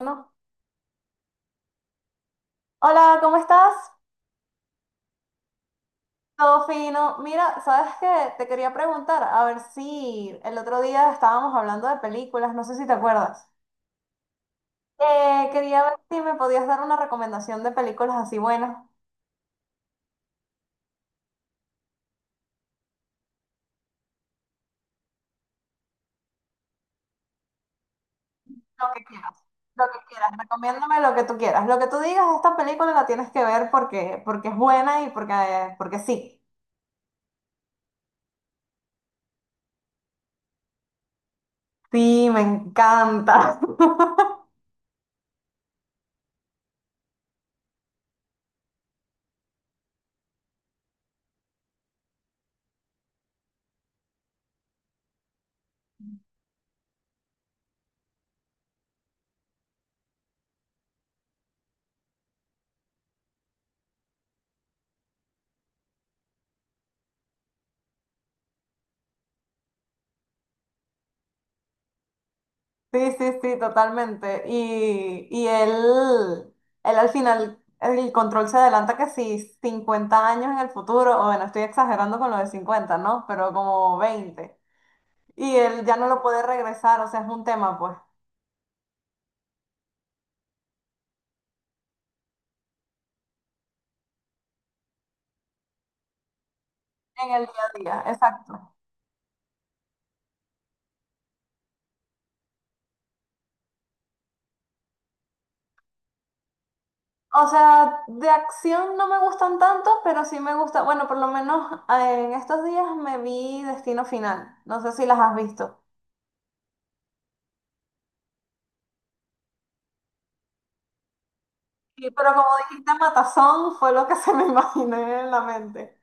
No. Hola, ¿cómo estás? Todo fino. Mira, sabes que te quería preguntar, a ver si el otro día estábamos hablando de películas, no sé si te acuerdas. Quería ver si me podías dar una recomendación de películas así buenas. Lo que quieras, lo que quieras, recomiéndame lo que tú quieras. Lo que tú digas, esta película la tienes que ver porque, porque es buena y porque, porque sí. Sí, me encanta. Sí, sí, sí, totalmente. Y él, él al final, el control se adelanta que si 50 años en el futuro, o bueno, estoy exagerando con lo de 50, ¿no? Pero como 20. Y él ya no lo puede regresar, o sea, es un tema, pues, en el día a día, exacto. O sea, de acción no me gustan tanto, pero sí me gusta, bueno, por lo menos en estos días me vi Destino Final, no sé si las has visto. Sí, pero como dijiste, Matazón fue lo que se me imaginé en la mente.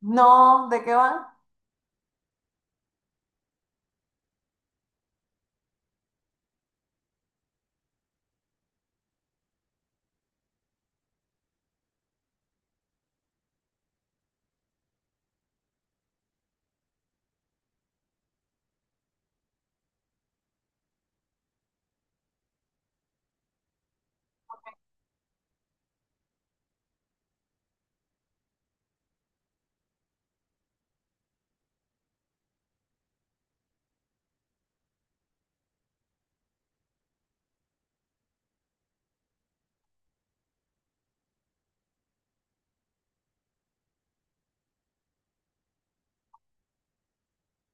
No, ¿de qué van?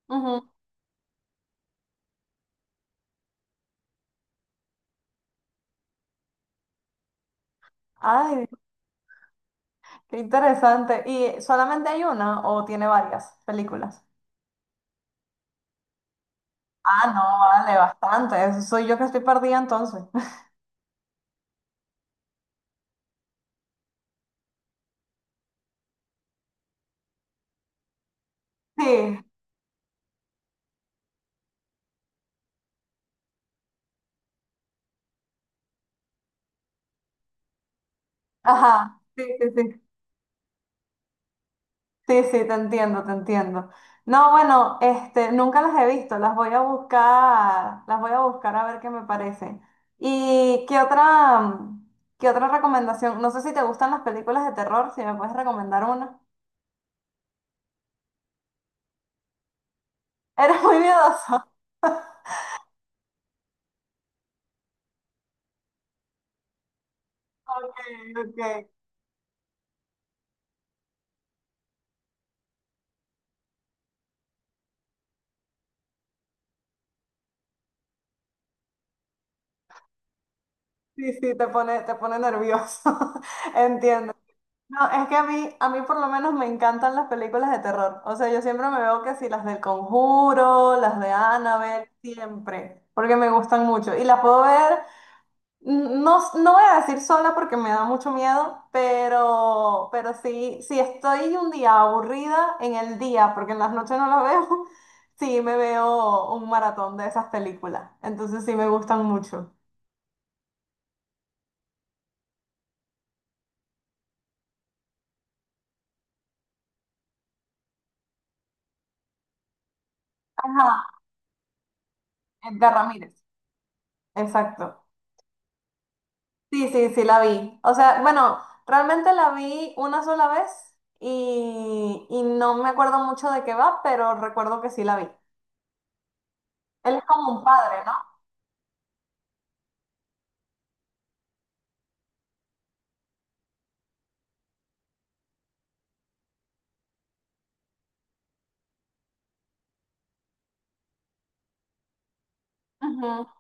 Ujú. Ay, qué interesante. ¿Y solamente hay una o tiene varias películas? Ah, no, vale, bastante. Eso soy yo que estoy perdida entonces. Sí, ajá, sí, sí, sí. Sí, sí, te entiendo, te entiendo. No, bueno, este, nunca las he visto, las voy a buscar, las voy a buscar a ver qué me parecen. ¿Y qué otra, qué otra recomendación? No sé si te gustan las películas de terror, si me puedes recomendar una. Eres muy miedoso. Ok, ok. Sí, sí, te pone nervioso. Entiendo. No, es que a mí por lo menos me encantan las películas de terror. O sea, yo siempre me veo que sí, las del Conjuro, las de Annabelle, siempre, porque me gustan mucho. Y las puedo ver, no, no voy a decir sola porque me da mucho miedo, pero sí, si estoy un día aburrida en el día, porque en las noches no las veo, sí me veo un maratón de esas películas. Entonces sí me gustan mucho. Ajá, de Ramírez. Exacto. Sí, sí, sí, la vi. O sea, bueno, realmente la vi una sola vez y no me acuerdo mucho de qué va, pero recuerdo que sí la vi. Él es como un padre, ¿no?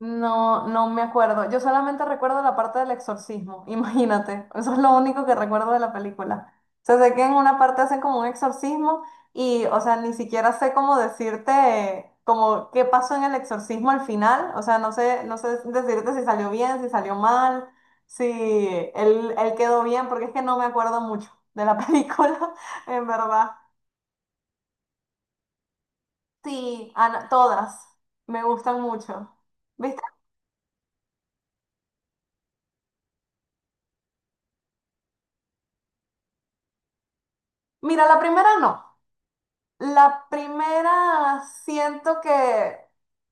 No, no me acuerdo. Yo solamente recuerdo la parte del exorcismo, imagínate. Eso es lo único que recuerdo de la película. O sea, sé que en una parte hacen como un exorcismo y, o sea, ni siquiera sé cómo decirte como qué pasó en el exorcismo al final. O sea, no sé, no sé decirte si salió bien, si salió mal, si él, él quedó bien, porque es que no me acuerdo mucho de la película, en verdad. Sí, Ana, todas me gustan mucho. ¿Viste? Mira, la primera no. La primera siento que,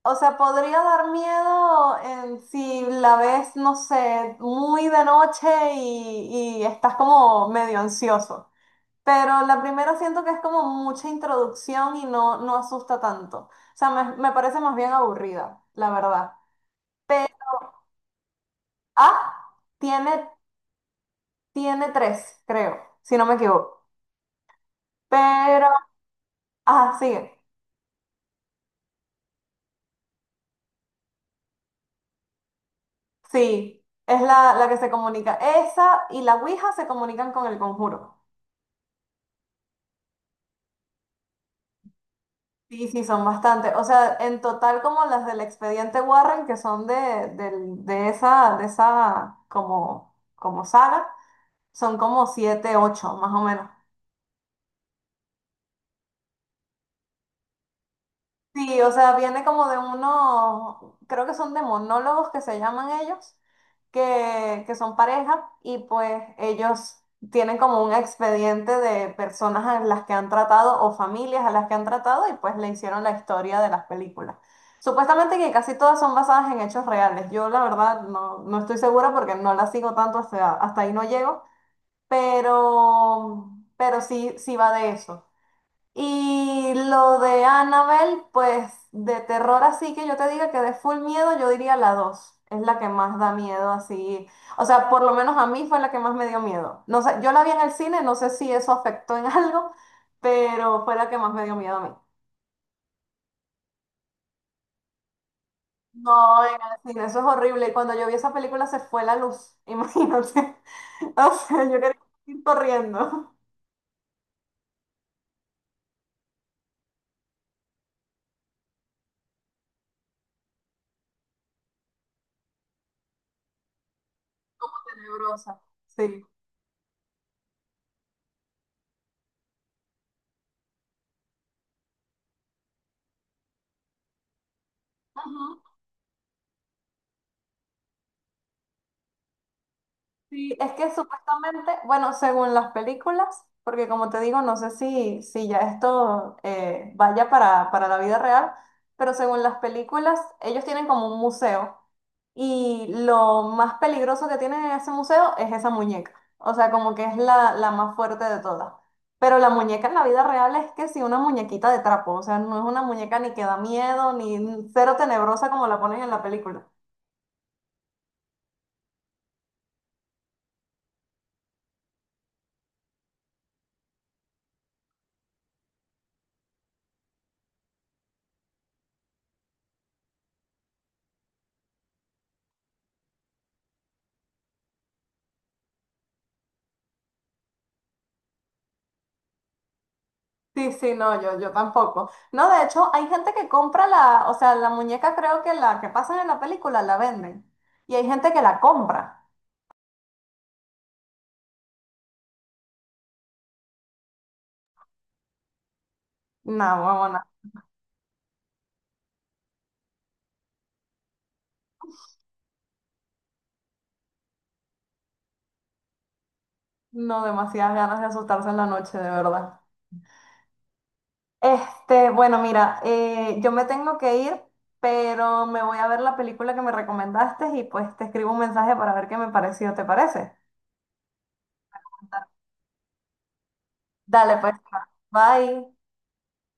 o sea, podría dar miedo en si la ves, no sé, muy de noche y estás como medio ansioso. Pero la primera siento que es como mucha introducción y no, no asusta tanto. O sea, me parece más bien aburrida, la verdad. Pero, ah, tiene, tiene tres, creo, si no me equivoco. Pero, ah, sigue. Sí, es la, la que se comunica. Esa y la Ouija se comunican con el conjuro. Sí, sí, son bastante. O sea, en total como las del expediente Warren, que son de, de esa como, como saga, son como siete, ocho, más o menos. Sí, o sea, viene como de unos, creo que son de monólogos que se llaman ellos, que son pareja y pues ellos tienen como un expediente de personas a las que han tratado o familias a las que han tratado y pues le hicieron la historia de las películas. Supuestamente que casi todas son basadas en hechos reales. Yo la verdad no, no estoy segura porque no la sigo tanto, hasta, hasta ahí no llego, pero, pero sí, sí va de eso. Y lo de Annabelle, pues de terror así que yo te diga que de full miedo, yo diría la dos. Es la que más da miedo así. O sea, por lo menos a mí fue la que más me dio miedo. No sé, yo la vi en el cine, no sé si eso afectó en algo, pero fue la que más me dio miedo a mí. No, en el cine, eso es horrible. Y cuando yo vi esa película se fue la luz, imagínate. O sea, yo quería ir corriendo. Tenebrosa, sí. Ujú. Sí, es que supuestamente, bueno, según las películas, porque como te digo, no sé si, si ya esto vaya para la vida real, pero según las películas, ellos tienen como un museo y lo más peligroso que tiene ese museo es esa muñeca, o sea, como que es la, la más fuerte de todas. Pero la muñeca en la vida real es que sí, una muñequita de trapo, o sea, no es una muñeca ni que da miedo, ni cero tenebrosa como la ponen en la película. Sí, sí, no, yo tampoco. No, de hecho, hay gente que compra la, o sea, la muñeca creo que la que pasan en la película la venden. Y hay gente que la compra. No, huevona. No, demasiadas ganas de asustarse en la noche, de verdad. Este, bueno, mira, yo me tengo que ir, pero me voy a ver la película que me recomendaste y pues te escribo un mensaje para ver qué me pareció, ¿te parece? Dale, pues, bye.